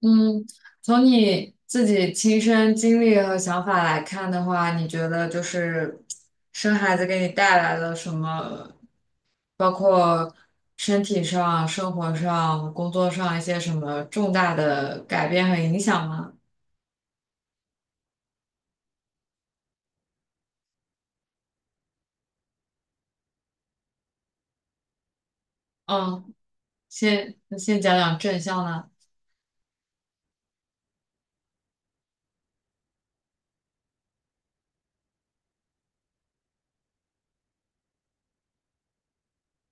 嗯，从你自己亲身经历和想法来看的话，你觉得生孩子给你带来了什么，包括身体上、生活上、工作上一些什么重大的改变和影响吗？嗯，先讲讲正向的。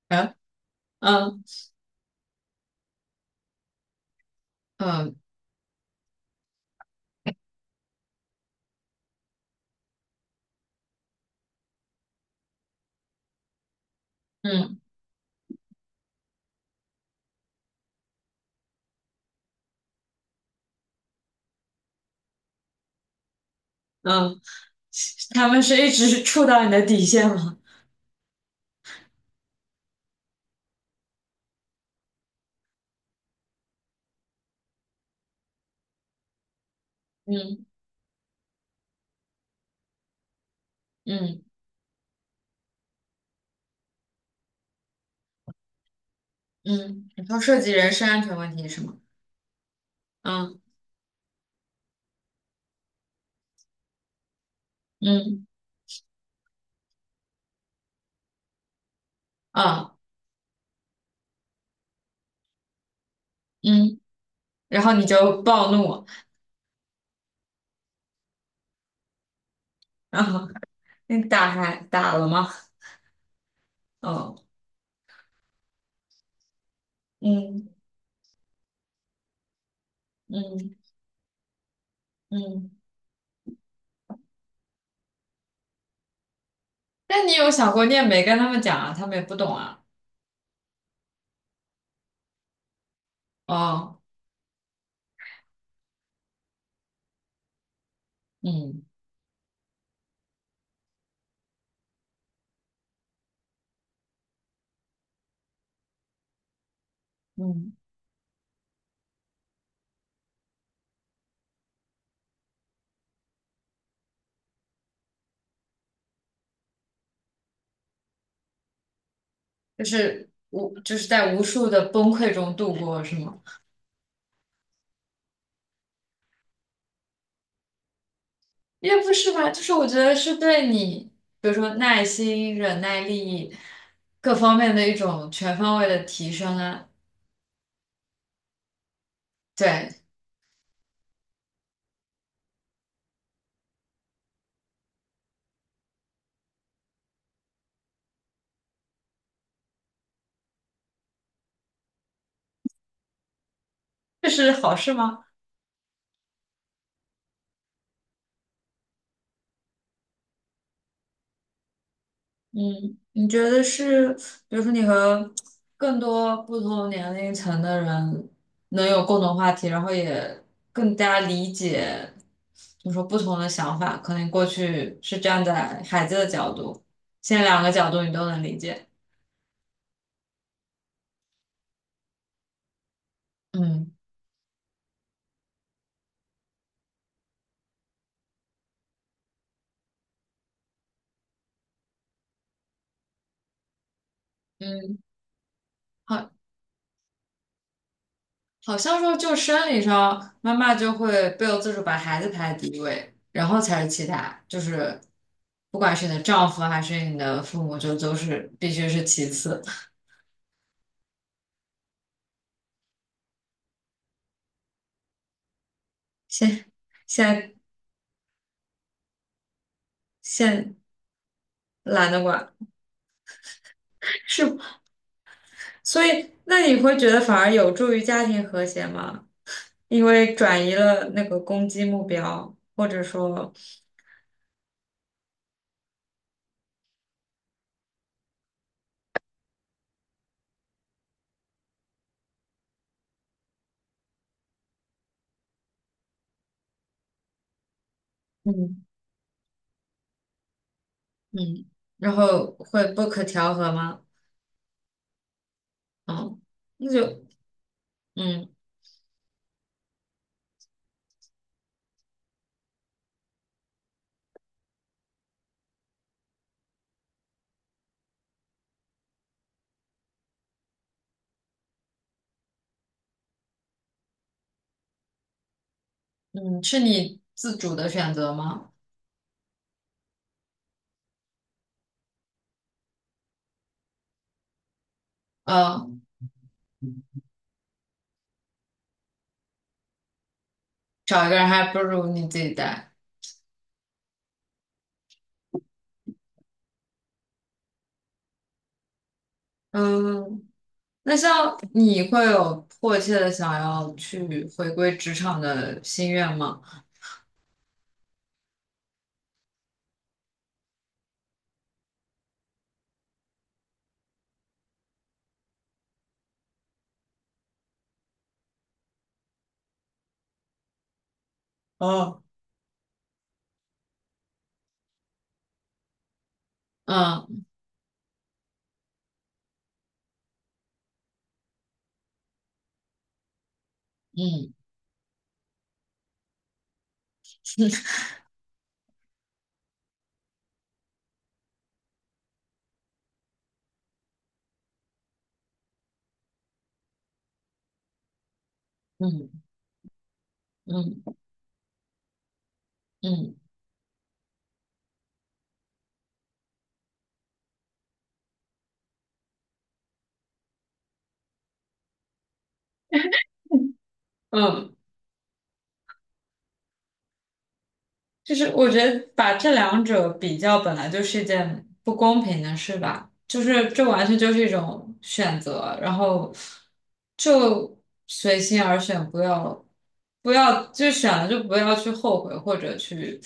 嗯。嗯。嗯。嗯。嗯。他们是一直触到你的底线吗？嗯。嗯。嗯，你说涉及人身安全问题是吗？嗯。嗯。啊，嗯，然后你就暴怒，然后你打还打了吗？哦。嗯。嗯。嗯，那你有想过，你也没跟他们讲啊，他们也不懂啊。哦。嗯。嗯。就是无就是在无数的崩溃中度过，是吗？也不是吧，就是我觉得是对你，比如说耐心、忍耐力各方面的一种全方位的提升啊。对。这是好事吗？嗯，你觉得是，比如说你和更多不同年龄层的人能有共同话题，然后也更加理解，就是说不同的想法，可能过去是站在孩子的角度，现在两个角度你都能理解。嗯。嗯。好，好像说就生理上，妈妈就会不由自主把孩子排在第一位，然后才是其他，就是不管是你的丈夫还是你的父母，就都是必须是其次。现现现懒得管，是。所以那你会觉得反而有助于家庭和谐吗？因为转移了那个攻击目标，或者说，嗯。嗯，然后会不可调和吗？嗯，那就。嗯。嗯，是你自主的选择吗？呃，找一个人还不如你自己带。嗯，那像你会有迫切的想要去回归职场的心愿吗？哦。嗯。嗯。嗯。嗯。嗯。嗯，就是我觉得把这两者比较，本来就是一件不公平的事吧，就是这完全就是一种选择，然后就随心而选，不要就选了就不要去后悔或者去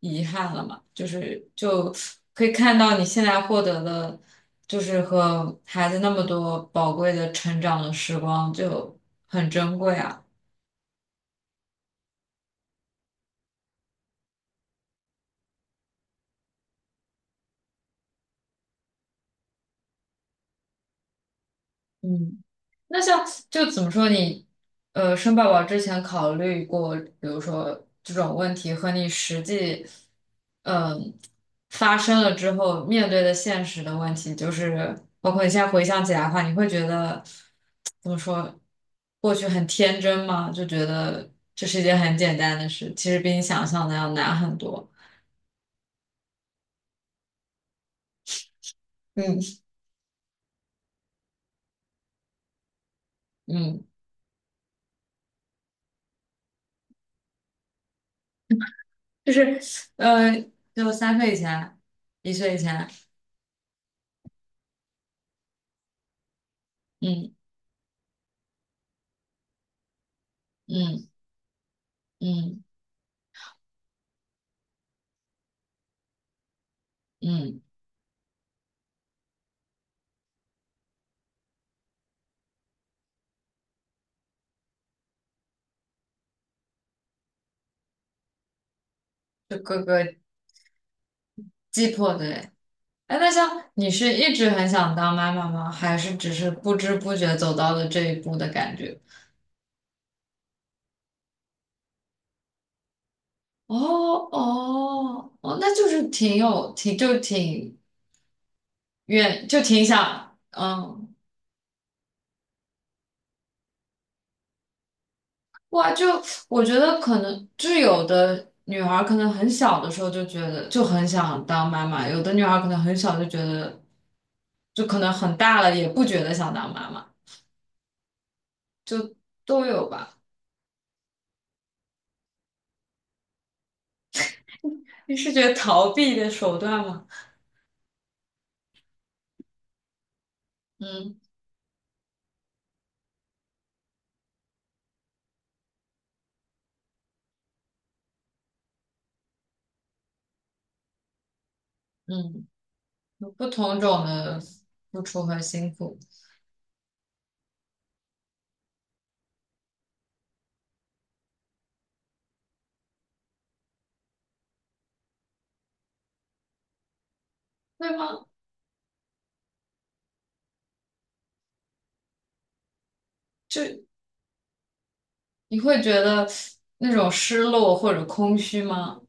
遗憾了嘛，就可以看到你现在获得的，就是和孩子那么多宝贵的成长的时光就很珍贵啊。嗯。那像就怎么说你，生宝宝之前考虑过，比如说这种问题和你实际，嗯、发生了之后面对的现实的问题，就是包括你现在回想起来的话，你会觉得怎么说，过去很天真吗？就觉得这是一件很简单的事，其实比你想象的要难很多。嗯。嗯，就是呃，就三岁以前，一岁以前。嗯。嗯。嗯。嗯。就各个击破的。哎，哎那像你是一直很想当妈妈吗？还是只是不知不觉走到了这一步的感觉？哦。哦。哦，那就是挺有挺就挺愿就挺想哇，就我觉得可能就是有的女孩儿可能很小的时候就觉得就很想当妈妈，有的女孩儿可能很小就觉得就可能很大了也不觉得想当妈妈，就都有吧。你是觉得逃避的手段吗？嗯。嗯，有不同种的付出和辛苦。会吗？就你会觉得那种失落或者空虚吗？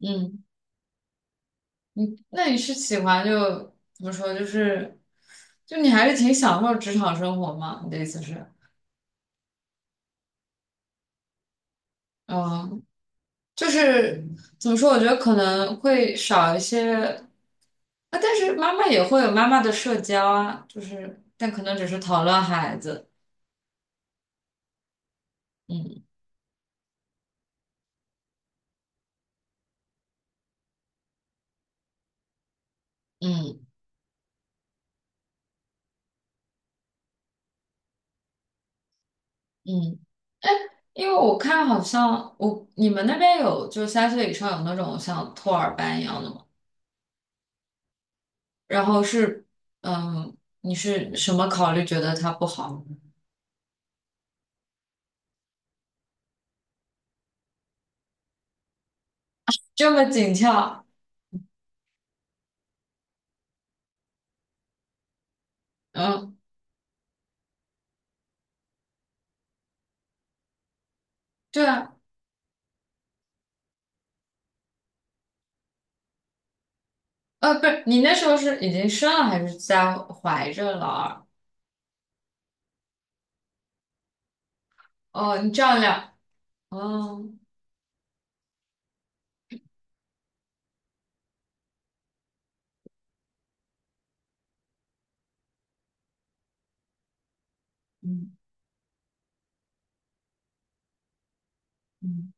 嗯，你那你是喜欢就怎么说？就是就你还是挺享受职场生活吗？你的意思是，嗯，就是怎么说？我觉得可能会少一些啊，但是妈妈也会有妈妈的社交啊，就是但可能只是讨论孩子。嗯。嗯。嗯因为我看好像我你们那边有就是三岁以上有那种像托儿班一样的吗？然后是嗯，你是什么考虑觉得它不好？这么紧俏。嗯，对啊，不是你那时候是已经生了还是在怀着老二？哦，你这样聊。哦。嗯。嗯，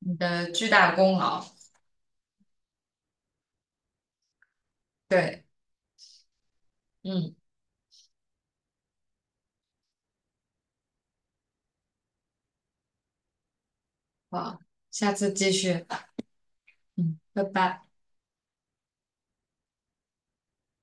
你的巨大功劳。对。嗯，好，下次继续。嗯，拜拜。